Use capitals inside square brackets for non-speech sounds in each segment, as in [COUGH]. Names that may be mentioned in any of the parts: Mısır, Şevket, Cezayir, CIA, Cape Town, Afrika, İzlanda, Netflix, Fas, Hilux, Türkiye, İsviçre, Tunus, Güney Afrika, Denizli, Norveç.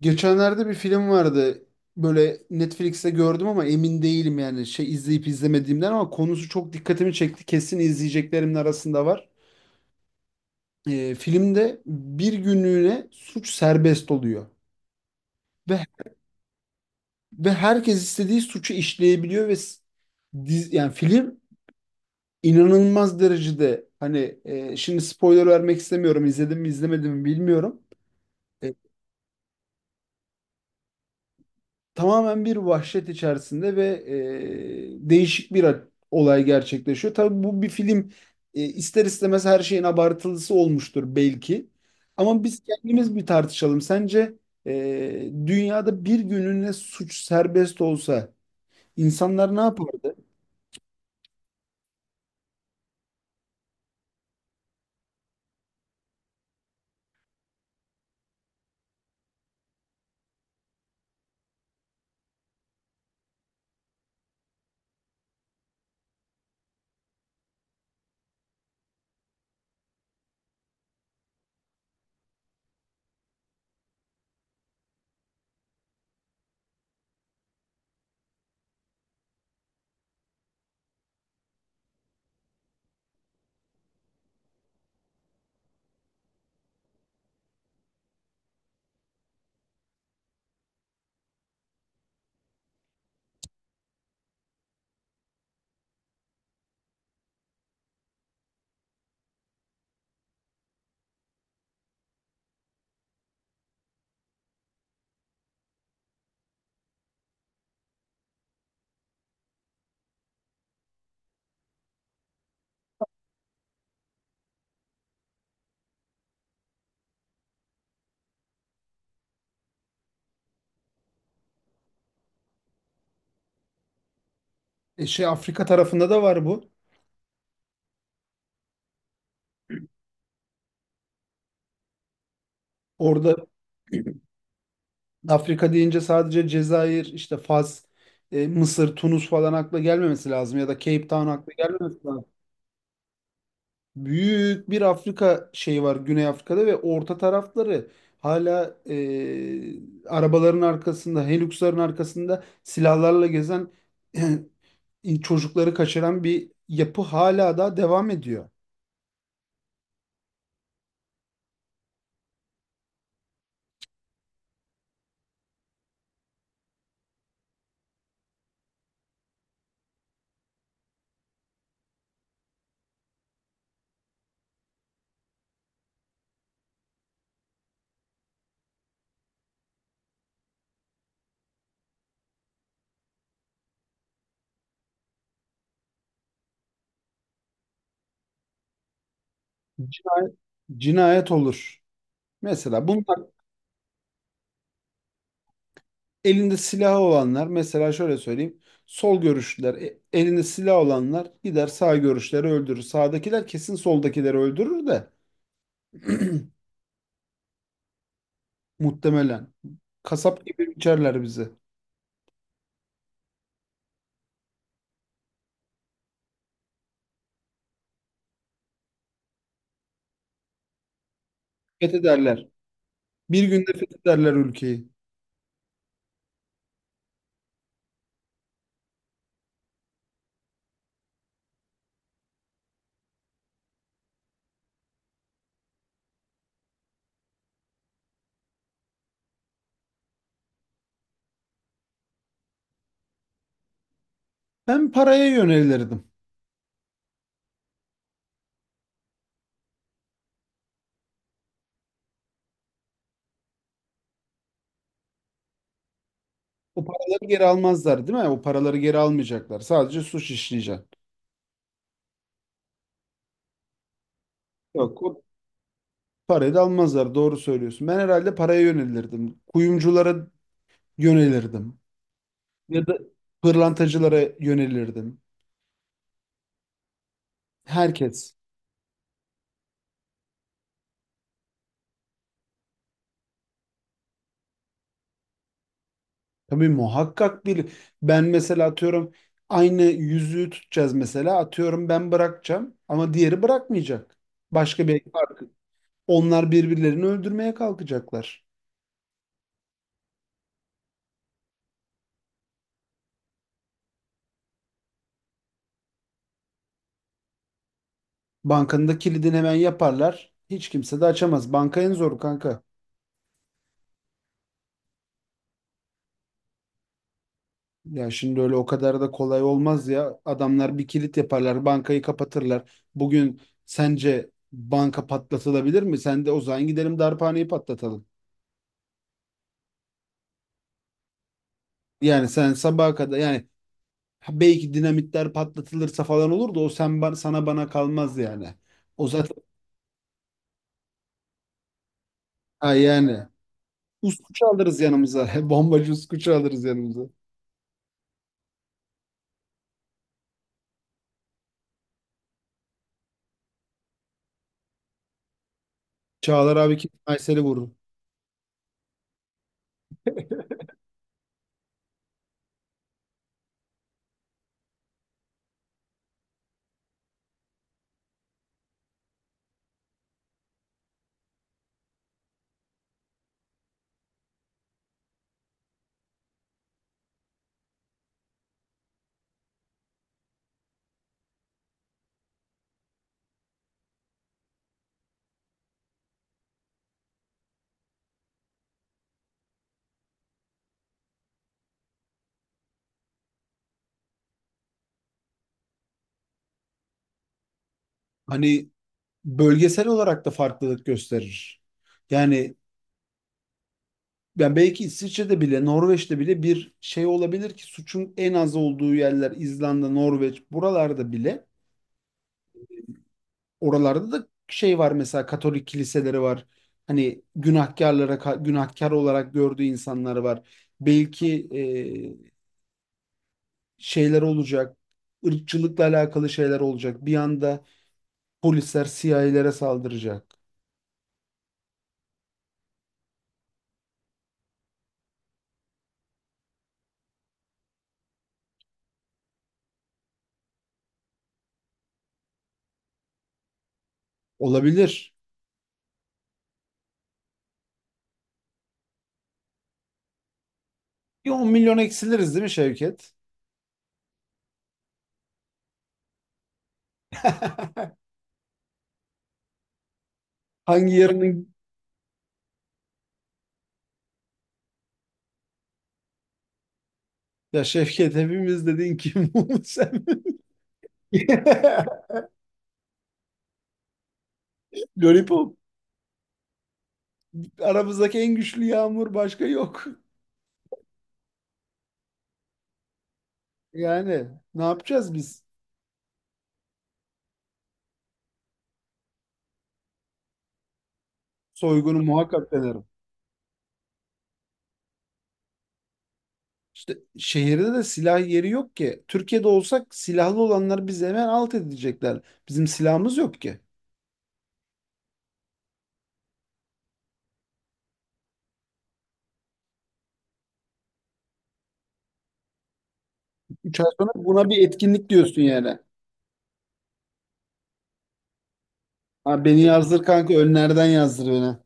Geçenlerde bir film vardı. Böyle Netflix'te gördüm ama emin değilim, yani izleyip izlemediğimden, ama konusu çok dikkatimi çekti. Kesin izleyeceklerimin arasında var. Filmde bir günlüğüne suç serbest oluyor ve ve herkes istediği suçu işleyebiliyor ve yani film inanılmaz derecede, hani şimdi spoiler vermek istemiyorum. İzledim mi izlemedim mi bilmiyorum. E, Tamamen bir vahşet içerisinde ve değişik bir olay gerçekleşiyor. Tabii bu bir film, ister istemez her şeyin abartılısı olmuştur belki. Ama biz kendimiz bir tartışalım. Sence dünyada bir gününe suç serbest olsa insanlar ne yapardı? Afrika tarafında da var bu. Orada [CLEARS THROAT] Afrika deyince sadece Cezayir, işte Fas, Mısır, Tunus falan akla gelmemesi lazım, ya da Cape Town akla gelmemesi lazım. Büyük bir Afrika şeyi var, Güney Afrika'da, ve orta tarafları hala arabaların arkasında, Hilux'ların arkasında silahlarla gezen [CLEARS THROAT] çocukları kaçıran bir yapı hala da devam ediyor. Cina- Cinayet olur. Mesela bunlar, elinde silahı olanlar, mesela şöyle söyleyeyim, sol görüşlüler, elinde silah olanlar gider sağ görüşleri öldürür. Sağdakiler kesin soldakileri öldürür de. [CLEARS THROAT] Muhtemelen. Kasap gibi biçerler bizi. Fethederler. Bir günde fethederler ülkeyi. Ben paraya yönelirdim. O paraları geri almazlar değil mi? O paraları geri almayacaklar. Sadece suç işleyeceksin. Yok, o parayı da almazlar. Doğru söylüyorsun. Ben herhalde paraya yönelirdim. Kuyumculara yönelirdim. Ya da pırlantacılara yönelirdim. Herkes. Tabii muhakkak bir, ben mesela atıyorum, aynı yüzüğü tutacağız mesela, atıyorum ben bırakacağım ama diğeri bırakmayacak. Başka bir farkı. Onlar birbirlerini öldürmeye kalkacaklar. Bankanın da kilidini hemen yaparlar. Hiç kimse de açamaz. Banka en zoru kanka. Ya şimdi öyle o kadar da kolay olmaz ya. Adamlar bir kilit yaparlar, bankayı kapatırlar. Bugün sence banka patlatılabilir mi? Sen de o zaman gidelim darphaneyi patlatalım. Yani sen sabaha kadar, yani, ha, belki dinamitler patlatılırsa falan olur da, o sen sana bana kalmaz yani. O zaten, ha yani. Uskuçu alırız yanımıza. [LAUGHS] Bombacı uskuçu alırız yanımıza. Çağlar abi kesin Aysel'i vurur. Hani bölgesel olarak da farklılık gösterir. Yani ben belki İsviçre'de bile, Norveç'te bile bir şey olabilir, ki suçun en az olduğu yerler İzlanda, Norveç, buralarda bile. Oralarda da şey var, mesela Katolik kiliseleri var. Hani günahkarlara, günahkar olarak gördüğü insanlar var. Belki e, şeyler olacak. Irkçılıkla alakalı şeyler olacak. Bir anda polisler CIA'lere saldıracak. Olabilir. Bir 10 milyon eksiliriz değil mi Şevket? [LAUGHS] Hangi yarının, ya Şevket, hepimiz dediğin kim bu, sen? [LAUGHS] Lollipop. Aramızdaki en güçlü yağmur, başka yok. Yani ne yapacağız biz? Soygunu muhakkak denerim. İşte şehirde de silah yeri yok ki. Türkiye'de olsak silahlı olanlar bizi hemen alt edecekler. Bizim silahımız yok ki. Üç ay sonra buna bir etkinlik diyorsun yani. Ha, beni yazdır kanka, önlerden yazdır beni.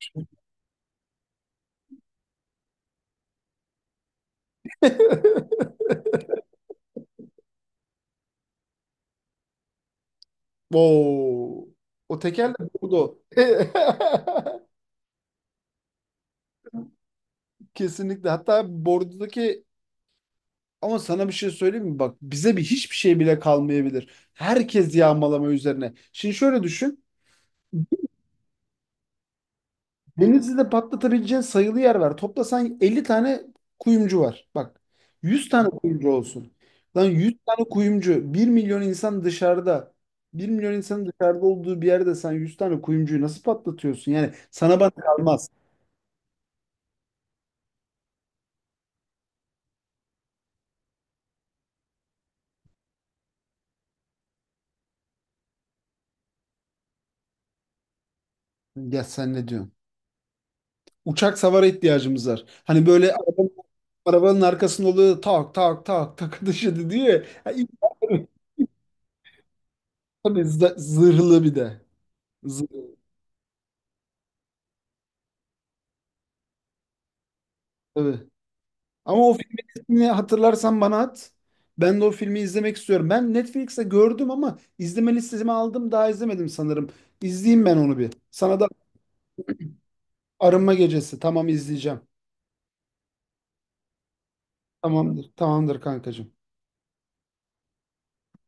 [LAUGHS] Oo. O tekerle bordo. [LAUGHS] Kesinlikle. Hatta bordodaki, ama sana bir şey söyleyeyim mi? Bak bize hiçbir şey bile kalmayabilir. Herkes yağmalama üzerine. Şimdi şöyle düşün. Denizli'de patlatabileceğin sayılı yer var. Toplasan 50 tane kuyumcu var. Bak, 100 tane kuyumcu olsun. Lan, 100 tane kuyumcu, bir milyon insan dışarıda. Bir milyon insanın dışarıda olduğu bir yerde sen 100 tane kuyumcuyu nasıl patlatıyorsun? Yani sana bana kalmaz. Ya sen ne diyorsun? Uçak savara ihtiyacımız var. Hani böyle arabanın arkasında oluyor, tak tak tak tak, taşı diyor ya. Ya [LAUGHS] Tabii zırhlı bir de. Zırhlı. Ama o filmin ismini hatırlarsan bana at. Ben de o filmi izlemek istiyorum. Ben Netflix'te gördüm ama izleme listesime aldım. Daha izlemedim sanırım. İzleyeyim ben onu bir. Sana da arınma gecesi. Tamam, izleyeceğim. Tamamdır. Tamamdır kankacığım.